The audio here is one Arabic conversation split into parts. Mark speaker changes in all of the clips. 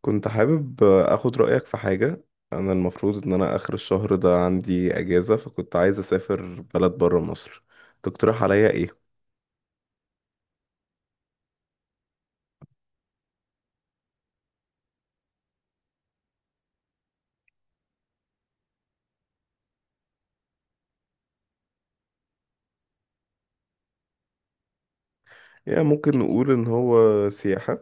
Speaker 1: كنت حابب اخد رأيك في حاجة. انا المفروض ان انا اخر الشهر ده عندي اجازة، فكنت عايز اسافر بلد برا مصر. تقترح عليا ايه؟ يعني ممكن نقول ان هو سياحة.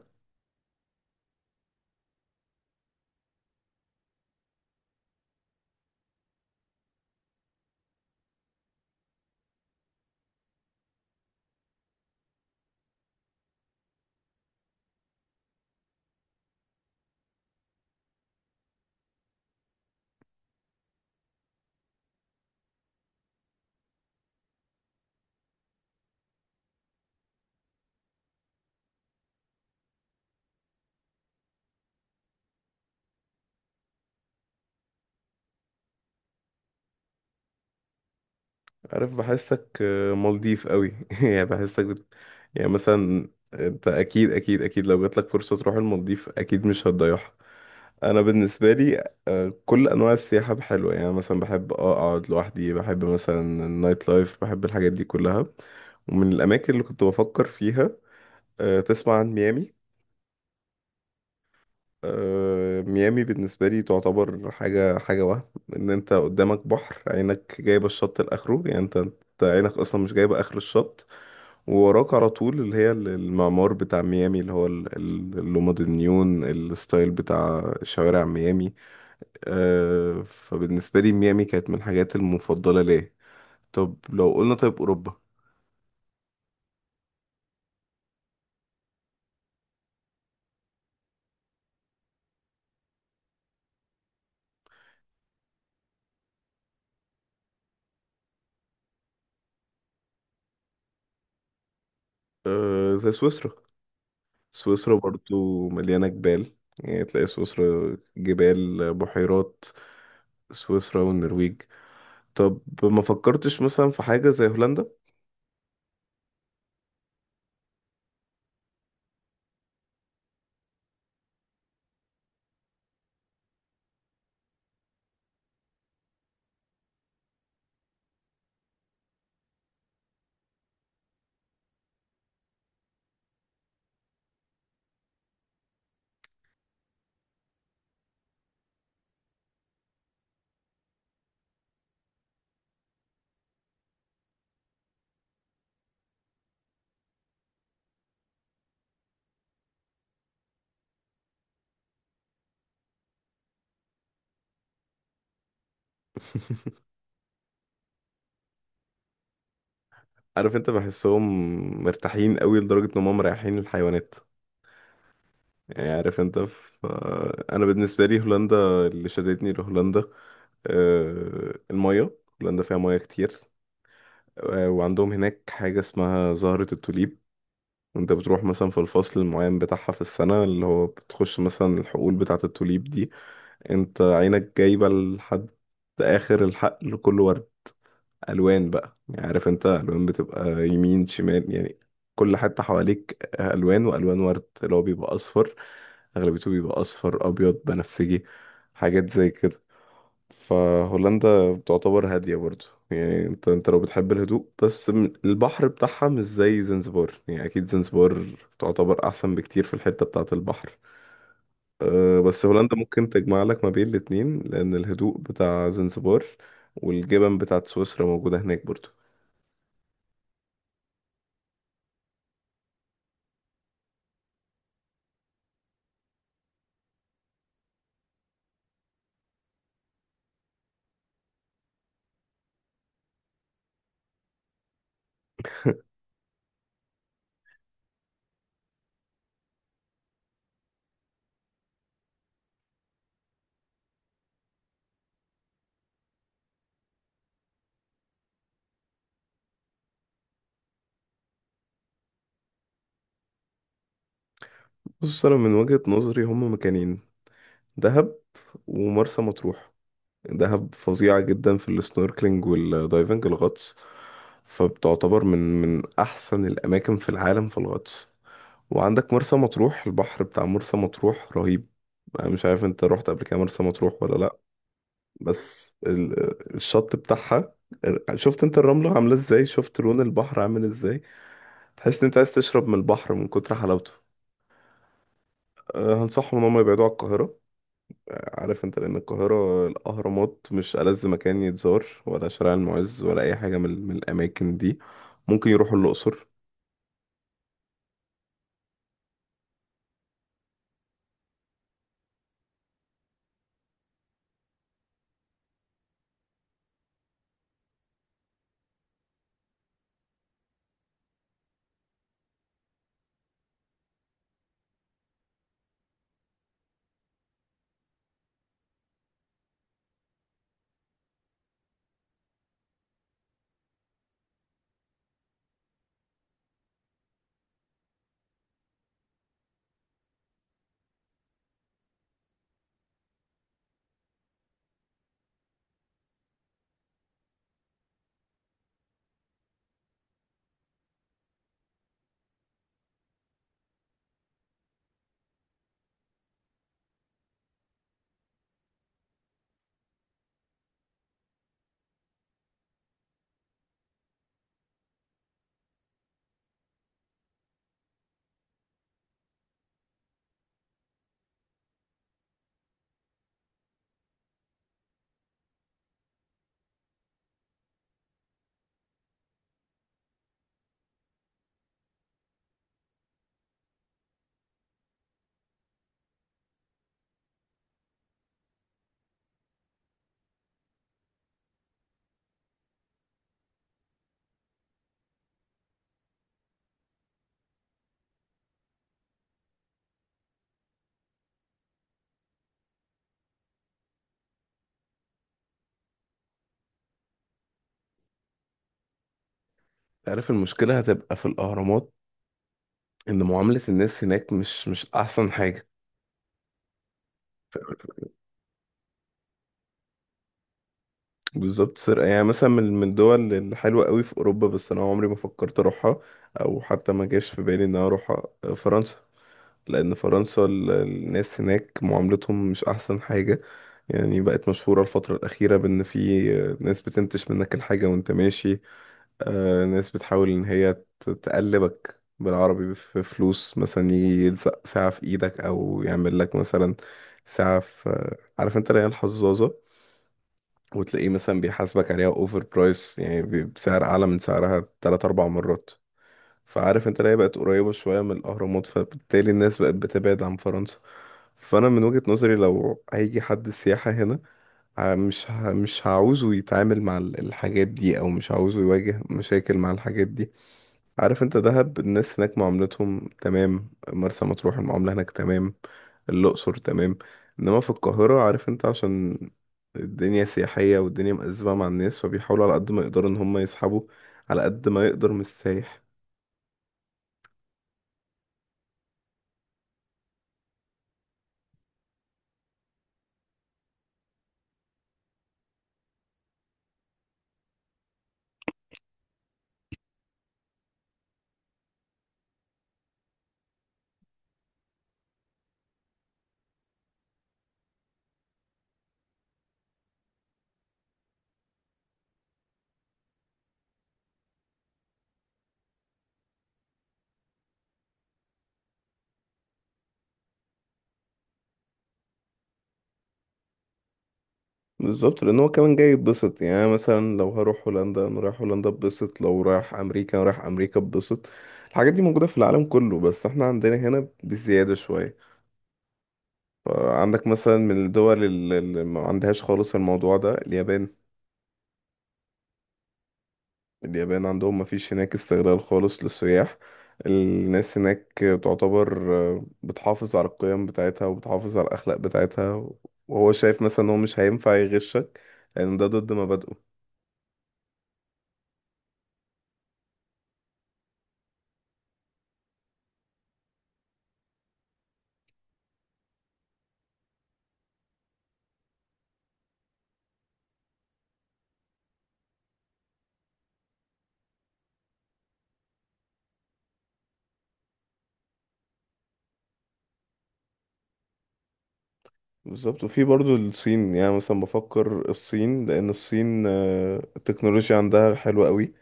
Speaker 1: عارف، بحسك مالديف قوي يعني يعني مثلا انت اكيد اكيد اكيد لو جاتلك فرصة تروح المالديف اكيد مش هتضيعها. انا بالنسبة لي كل انواع السياحة حلوة، يعني مثلا بحب اقعد لوحدي، بحب مثلا النايت لايف، بحب الحاجات دي كلها. ومن الاماكن اللي كنت بفكر فيها، تسمع عن ميامي؟ ميامي بالنسبة لي تعتبر حاجة، حاجة وهم. ان انت قدامك بحر عينك جايبة الشط لاخره، يعني أنت عينك اصلا مش جايبة اخر الشط. ووراك على طول اللي هي المعمار بتاع ميامي، اللي هو اللومد النيون الستايل بتاع شوارع ميامي. فبالنسبة لي ميامي كانت من الحاجات المفضلة ليا. طب لو قلنا طيب اوروبا، زي سويسرا. سويسرا برضو مليانة جبال، يعني تلاقي سويسرا جبال بحيرات. سويسرا والنرويج. طب ما فكرتش مثلا في حاجة زي هولندا؟ عارف انت، بحسهم مرتاحين قوي لدرجة ان هم مريحين الحيوانات. يعني عارف انت انا بالنسبة لي هولندا، اللي شدتني لهولندا المية. هولندا فيها مياه كتير. وعندهم هناك حاجة اسمها زهرة التوليب. انت بتروح مثلا في الفصل المعين بتاعها في السنة، اللي هو بتخش مثلا الحقول بتاعة التوليب دي، انت عينك جايبة لحد آخر الحقل كله ورد. ألوان بقى، يعني عارف انت ألوان بتبقى يمين شمال. يعني كل حتة حواليك ألوان وألوان ورد، اللي هو بيبقى أصفر. أغلبيته بيبقى أصفر، أبيض، بنفسجي، حاجات زي كده. فهولندا بتعتبر هادية برضو. يعني انت لو بتحب الهدوء، بس البحر بتاعها مش زي زنزبار. يعني اكيد زنزبار تعتبر احسن بكتير في الحتة بتاعة البحر. أه بس هولندا ممكن تجمع لك ما بين الاتنين، لان الهدوء بتاع زنزبار والجبن بتاعة سويسرا موجودة هناك برضو. بص، انا من وجهة نظري هم مكانين: دهب ومرسى مطروح. دهب فظيعة جدا في السنوركلينج والدايفنج، الغطس. فبتعتبر من أحسن الأماكن في العالم في الغطس. وعندك مرسى مطروح، البحر بتاع مرسى مطروح رهيب. أنا مش عارف أنت رحت قبل كده مرسى مطروح ولا لأ. بس الشط بتاعها، شفت أنت الرملة عاملة إزاي، شفت لون البحر عامل إزاي. تحس إن أنت عايز تشرب من البحر من كتر حلاوته. أه، هنصحهم إن هم يبعدوا عن القاهرة. عارف انت، لان القاهرة، الاهرامات مش ألذ مكان يتزار، ولا شارع المعز، ولا اي حاجة من، الاماكن دي. ممكن يروحوا الاقصر. عارف المشكلة هتبقى في الاهرامات، ان معاملة الناس هناك مش احسن حاجة. ف- بالظبط سرقة. يعني مثلا من الدول الحلوة قوي في اوروبا، بس انا عمري ما فكرت اروحها او حتى ما جاش في بالي ان انا اروحها، فرنسا. لان فرنسا الناس هناك معاملتهم مش احسن حاجة. يعني بقت مشهورة الفترة الأخيرة بإن في ناس بتنتش منك الحاجة وأنت ماشي. ناس بتحاول إن هي تقلبك بالعربي في فلوس. مثلا يجي يلزق ساعة في إيدك، أو يعمل لك مثلا ساعة في، عارف أنت، اللي هي الحظاظة. وتلاقيه مثلا بيحاسبك عليها أوفر برايس، يعني بسعر أعلى من سعرها تلات أربع مرات. فعارف أنت اللي هي بقت قريبة شوية من الأهرامات، فبالتالي الناس بقت بتبعد عن فرنسا. فأنا من وجهة نظري لو هيجي حد سياحة هنا، مش هعوزه يتعامل مع الحاجات دي، او مش هعوزه يواجه مشاكل مع الحاجات دي. عارف انت، دهب الناس هناك معاملتهم تمام، مرسى مطروح المعاملة هناك تمام، الأقصر تمام. انما في القاهرة عارف انت، عشان الدنيا سياحية والدنيا مأزمة مع الناس، فبيحاولوا على قد ما يقدروا ان هم يسحبوا على قد ما يقدر من السايح. بالظبط، لان هو كمان جاي يتبسط. يعني أنا مثلا لو هروح هولندا انا رايح هولندا اتبسط، لو رايح امريكا انا رايح امريكا اتبسط. الحاجات دي موجوده في العالم كله بس احنا عندنا هنا بزياده شويه. فعندك مثلا من الدول اللي ما عندهاش خالص الموضوع ده، اليابان. اليابان عندهم ما فيش هناك استغلال خالص للسياح. الناس هناك تعتبر بتحافظ على القيم بتاعتها، وبتحافظ على الاخلاق بتاعتها. وهو شايف مثلا ان هو مش هينفع يغشك لان ده ضد مبادئه. بالظبط. وفي برضو الصين، يعني مثلا بفكر الصين، لأن الصين التكنولوجيا عندها حلوة قوي.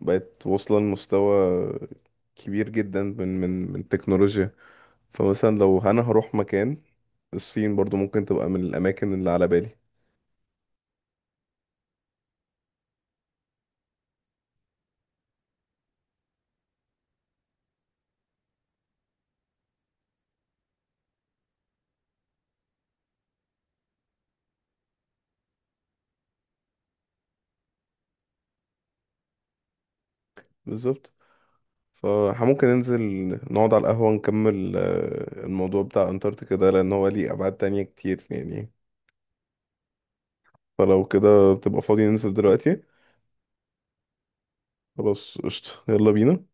Speaker 1: بقت واصلة لمستوى كبير جدا من التكنولوجيا. فمثلا لو أنا هروح مكان، الصين برضو ممكن تبقى من الأماكن اللي على بالي. بالظبط. فممكن ننزل نقعد على القهوة، نكمل الموضوع بتاع أنتاركتيكا ده، لأن هو ليه أبعاد تانية كتير يعني. فلو كده تبقى فاضي ننزل دلوقتي. خلاص قشطة، يلا بينا.